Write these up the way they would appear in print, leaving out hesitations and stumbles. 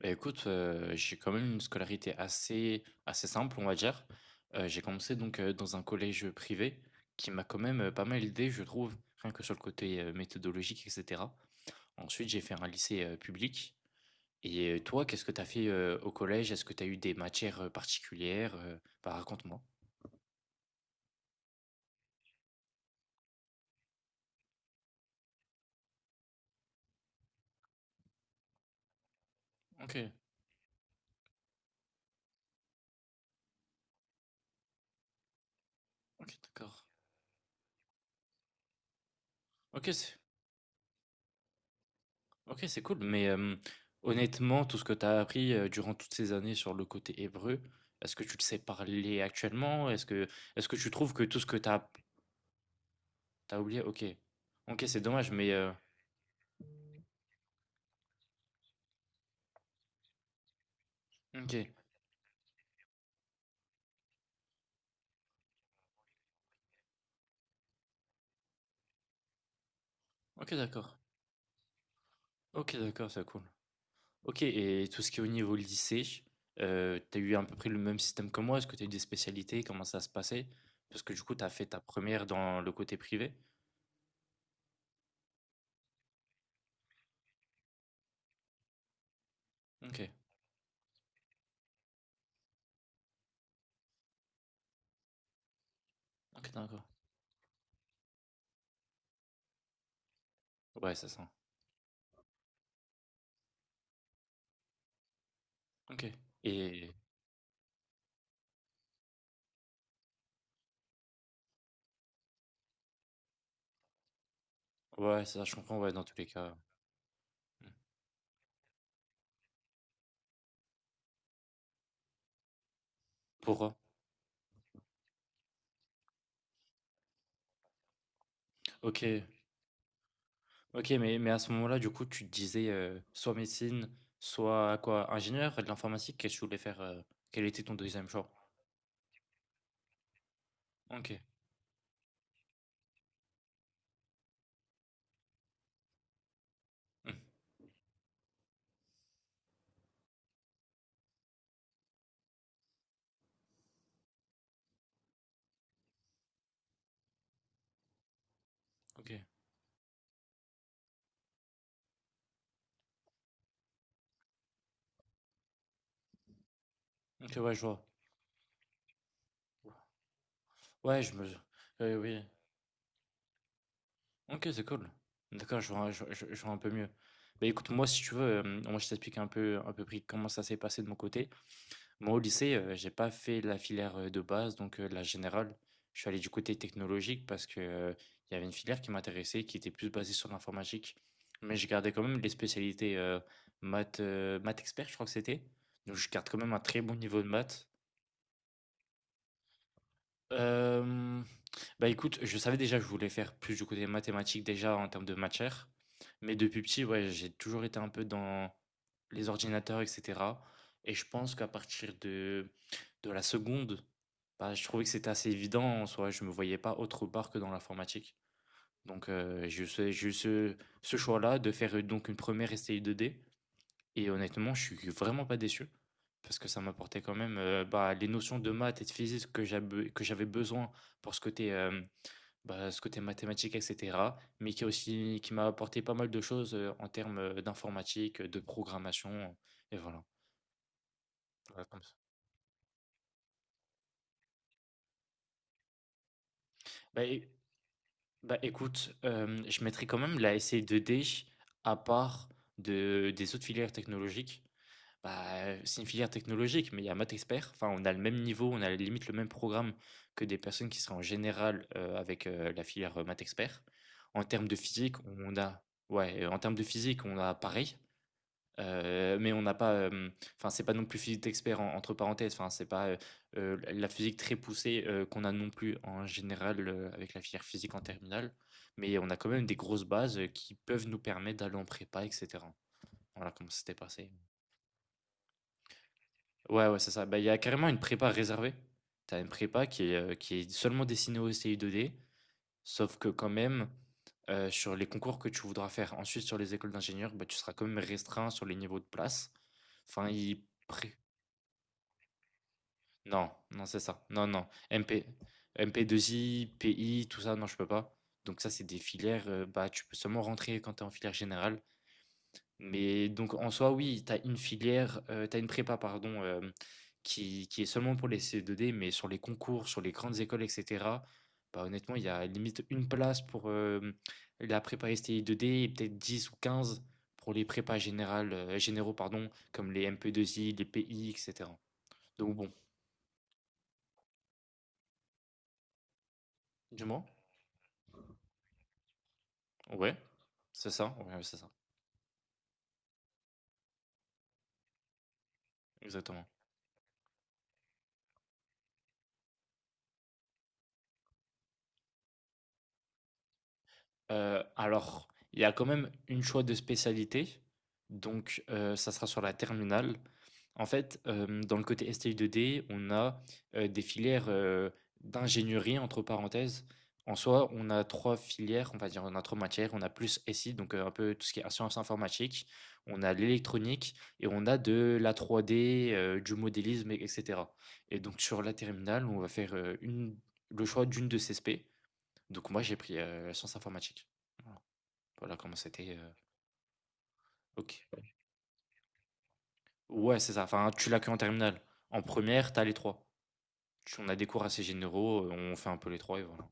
Bah, écoute, j'ai quand même une scolarité assez simple, on va dire. J'ai commencé donc, dans un collège privé qui m'a quand même, pas mal aidé, je trouve, rien que sur le côté, méthodologique et cetera. Ensuite, j'ai fait un lycée, public et toi, qu'est-ce que tu as fait, au collège? Est-ce que tu as eu des matières, particulières, Bah, raconte-moi. OK. OK, d'accord. OK, c'est OK, c'est cool, mais honnêtement, tout ce que tu as appris, durant toutes ces années sur le côté hébreu, est-ce que tu le sais parler actuellement? Est-ce que tu trouves que tout ce que tu as oublié. OK. OK, c'est dommage, mais OK. OK, d'accord. OK, d'accord, c'est cool. OK et tout ce qui est au niveau lycée, tu as eu à peu près le même système que moi? Est-ce que tu as eu des spécialités? Comment ça se passait? Parce que du coup, tu as fait ta première dans le côté privé? OK. OK, d'accord. Ouais, c'est ça. OK et ouais, ça, je comprends, ouais, dans tous les cas. Pour eux. OK. OK, mais à ce moment-là, du coup, tu te disais, soit médecine, soit quoi? Ingénieur de l'informatique? Qu'est-ce que tu voulais faire, Quel était ton deuxième choix? OK. Mmh. OK. OK, ouais, je vois. Ouais, je me oui, oui. OK, c'est cool. D'accord, je vois un peu mieux. Bah, écoute, moi, si tu veux, moi, je t'explique un peu pri comment ça s'est passé de mon côté. Moi, au lycée, j'ai pas fait la filière, de base, donc la générale. Je suis allé du côté technologique parce que, il y avait une filière qui m'intéressait, qui était plus basée sur l'informatique. Mais je gardais quand même les spécialités, maths, maths expert, je crois que c'était. Donc je garde quand même un très bon niveau de maths. Hem, Bah, écoute, je savais déjà que je voulais faire plus du côté mathématique déjà en termes de matière. Mais depuis petit, ouais, j'ai toujours été un peu dans les ordinateurs, et cetera. Et je pense qu'à partir de la seconde, bah, je trouvais que c'était assez évident en soi. Je me voyais pas autre part que dans l'informatique. Donc, ce choix-là de faire donc une première STI 2D. Et honnêtement, je suis vraiment pas déçu parce que ça m'apportait quand même bah, les notions de maths et de physique que j'avais besoin pour ce côté, bah, ce côté mathématique, etc. Mais qui a aussi qui m'a apporté pas mal de choses en termes d'informatique, de programmation, et voilà. Voilà, comme ça. Bah, é- Bah, écoute, je mettrai quand même la SC2D à part des autres filières technologiques. Bah, c'est une filière technologique, mais il y a maths expert. Enfin, on a le même niveau, on a limite le même programme que des personnes qui seraient en général avec la filière maths expert. En termes de physique, on a, ouais, En termes de physique, on a pareil, mais on n'a pas, enfin, c'est pas non plus physique expert entre parenthèses. Enfin, c'est pas la physique très poussée qu'on a non plus en général avec la filière physique en terminale. Mais on a quand même des grosses bases qui peuvent nous permettre d'aller en prépa, etc. Voilà comment ça s'était passé. Ouais, ouais, c'est ça. Bah, il y a carrément une prépa réservée. Tu as une prépa qui est seulement destinée au STI2D, sauf que quand même, sur les concours que tu voudras faire ensuite sur les écoles d'ingénieurs, bah, tu seras quand même restreint sur les niveaux de place. Enfin, il... pré- Non, non, c'est ça. Non, non. MP... MP2I, PI, tout ça, non, je peux pas. Donc ça, c'est des filières, bah, tu peux seulement rentrer quand tu es en filière générale. Mais donc en soi, oui, tu as une filière, tu as une prépa pardon, qui est seulement pour les CE2D, mais sur les concours, sur les grandes écoles et cetera, bah, honnêtement, il y a limite une place pour, la prépa STI2D et peut-être 10 ou 15 pour les prépas générales, généraux pardon, comme les MP2I, les PI et cetera. Donc bon, dis-moi? Ouais, c'est ça, ouais, ouais, c'est ça, exactement. Alors, il y a quand même une choix de spécialité, donc ça sera sur la terminale. En fait, dans le côté STI2D, on a, des filières, d'ingénierie entre parenthèses. En soi, on a 3 filières, on va dire, on a 3 matières. On a plus SI, donc un peu tout ce qui est sciences informatiques, on a l'électronique et on a de la 3D, du modélisme et et donc sur la terminale, on va faire, une le choix d'une de ces spé, donc moi, j'ai pris sciences informatiques. Voilà. Voilà comment c'était. Ok. Ouais, c'est ça. Enfin, tu l'as que en terminale. En première, t'as les trois. On a des cours assez généraux, on fait un peu les trois et voilà.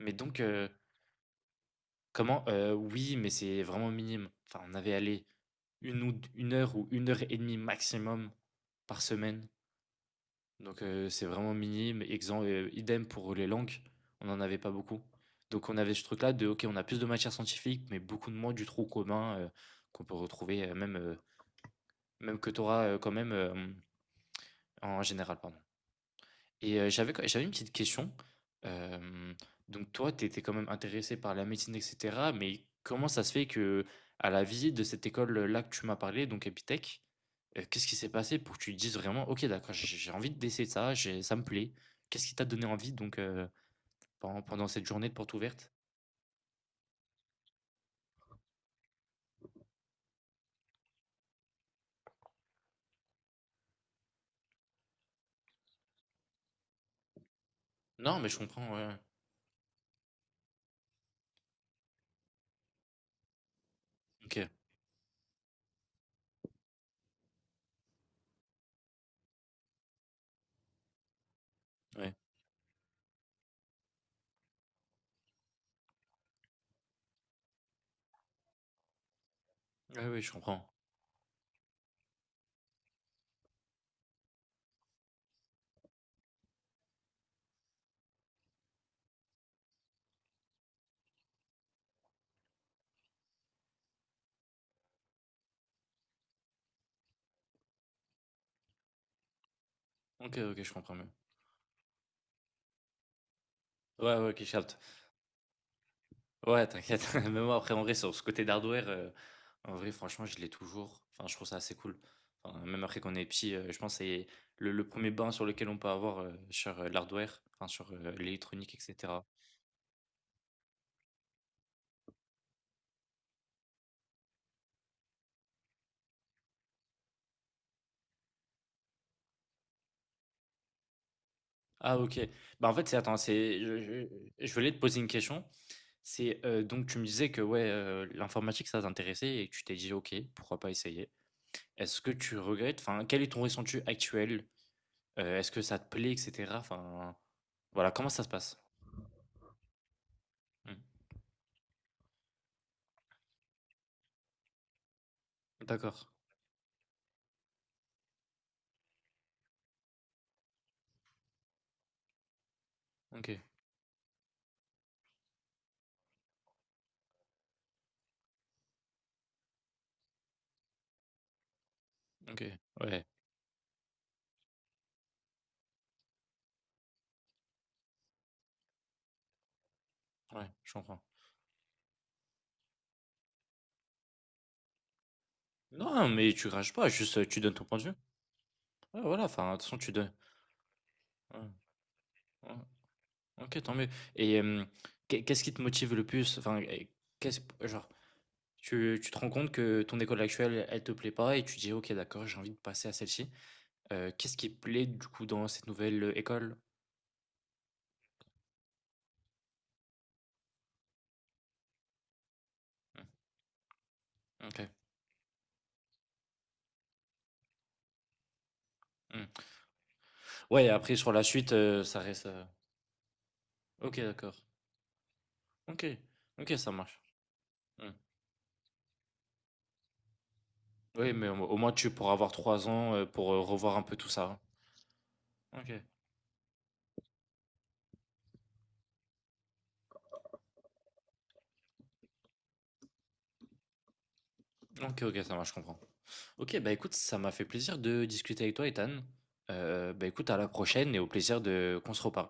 Mais donc, comment oui, mais c'est vraiment minime. Enfin, on avait allé une heure ou une heure et demie maximum par semaine. Donc c'est vraiment minime. Exemple, idem pour les langues, on n'en avait pas beaucoup. Donc on avait ce truc-là de, ok, on a plus de matières scientifiques, mais beaucoup de moins du trou commun qu'on peut retrouver même Même que tu auras, quand même, en général, pardon. Et j'avais une petite question. Hem, donc toi, tu étais quand même intéressé par la médecine et cetera, mais comment ça se fait que à la visite de cette école-là que tu m'as parlé, donc Epitech, qu'est-ce qui s'est passé pour que tu te dises vraiment: «OK, d'accord, j'ai envie d'essayer ça, j'ai ça me plaît»? Qu'est-ce qui t'a donné envie donc, pendant cette journée de porte ouverte? Non, mais je comprends, ouais, ouais. OK, ouais. Ouais, ouais, je comprends. OK, OK, je comprends mieux. Ouais, ouais, OK, je capte. Ouais, t'inquiète. Même moi, après, en vrai, sur ce côté d'hardware, en vrai, franchement, je l'ai toujours. Enfin, je trouve ça assez cool. Enfin, même après qu'on est petit, je pense que c'est le 1 bain sur lequel on peut avoir, sur, l'hardware, enfin sur, l'électronique et cetera. Ah OK. Bah, en fait, c'est je voulais te poser une question. C'est, donc tu me disais que, ouais, l'informatique, ça t'intéressait et que tu t'es dit: «OK, pourquoi pas essayer?» Est-ce que tu regrettes? Enfin, quel est ton ressenti actuel? Est-ce que ça te plaît et cetera? Enfin, voilà, comment ça se passe? Mmh. D'accord. OK, OK, ouais, ouais, je comprends. Non, mais tu rages pas, juste, tu donnes ton point de vue. Ouais, voilà, enfin, de toute façon, tu donnes. Ouais, ouais. OK, tant mieux et qu'est-ce qui te motive le plus? Enfin et qu'est-ce genre, tu te rends compte que ton école actuelle, elle te plaît pas et tu dis: «OK, d'accord, j'ai envie de passer à celle-ci». Qu'est-ce qui te plaît, du coup, dans cette nouvelle, école? OK, mmh. Ouais et après sur la suite, ça reste, OK, d'accord. OK, OK, ça marche. Mmh. Oui, mais au moins tu pourras avoir 3 ans, pour, revoir un peu tout ça, hein. OK. OK, OK, ça marche, je comprends. OK, bah, écoute, ça m'a fait plaisir de discuter avec toi, Ethan. Bah, écoute, à la prochaine et au plaisir de qu'on se reparle.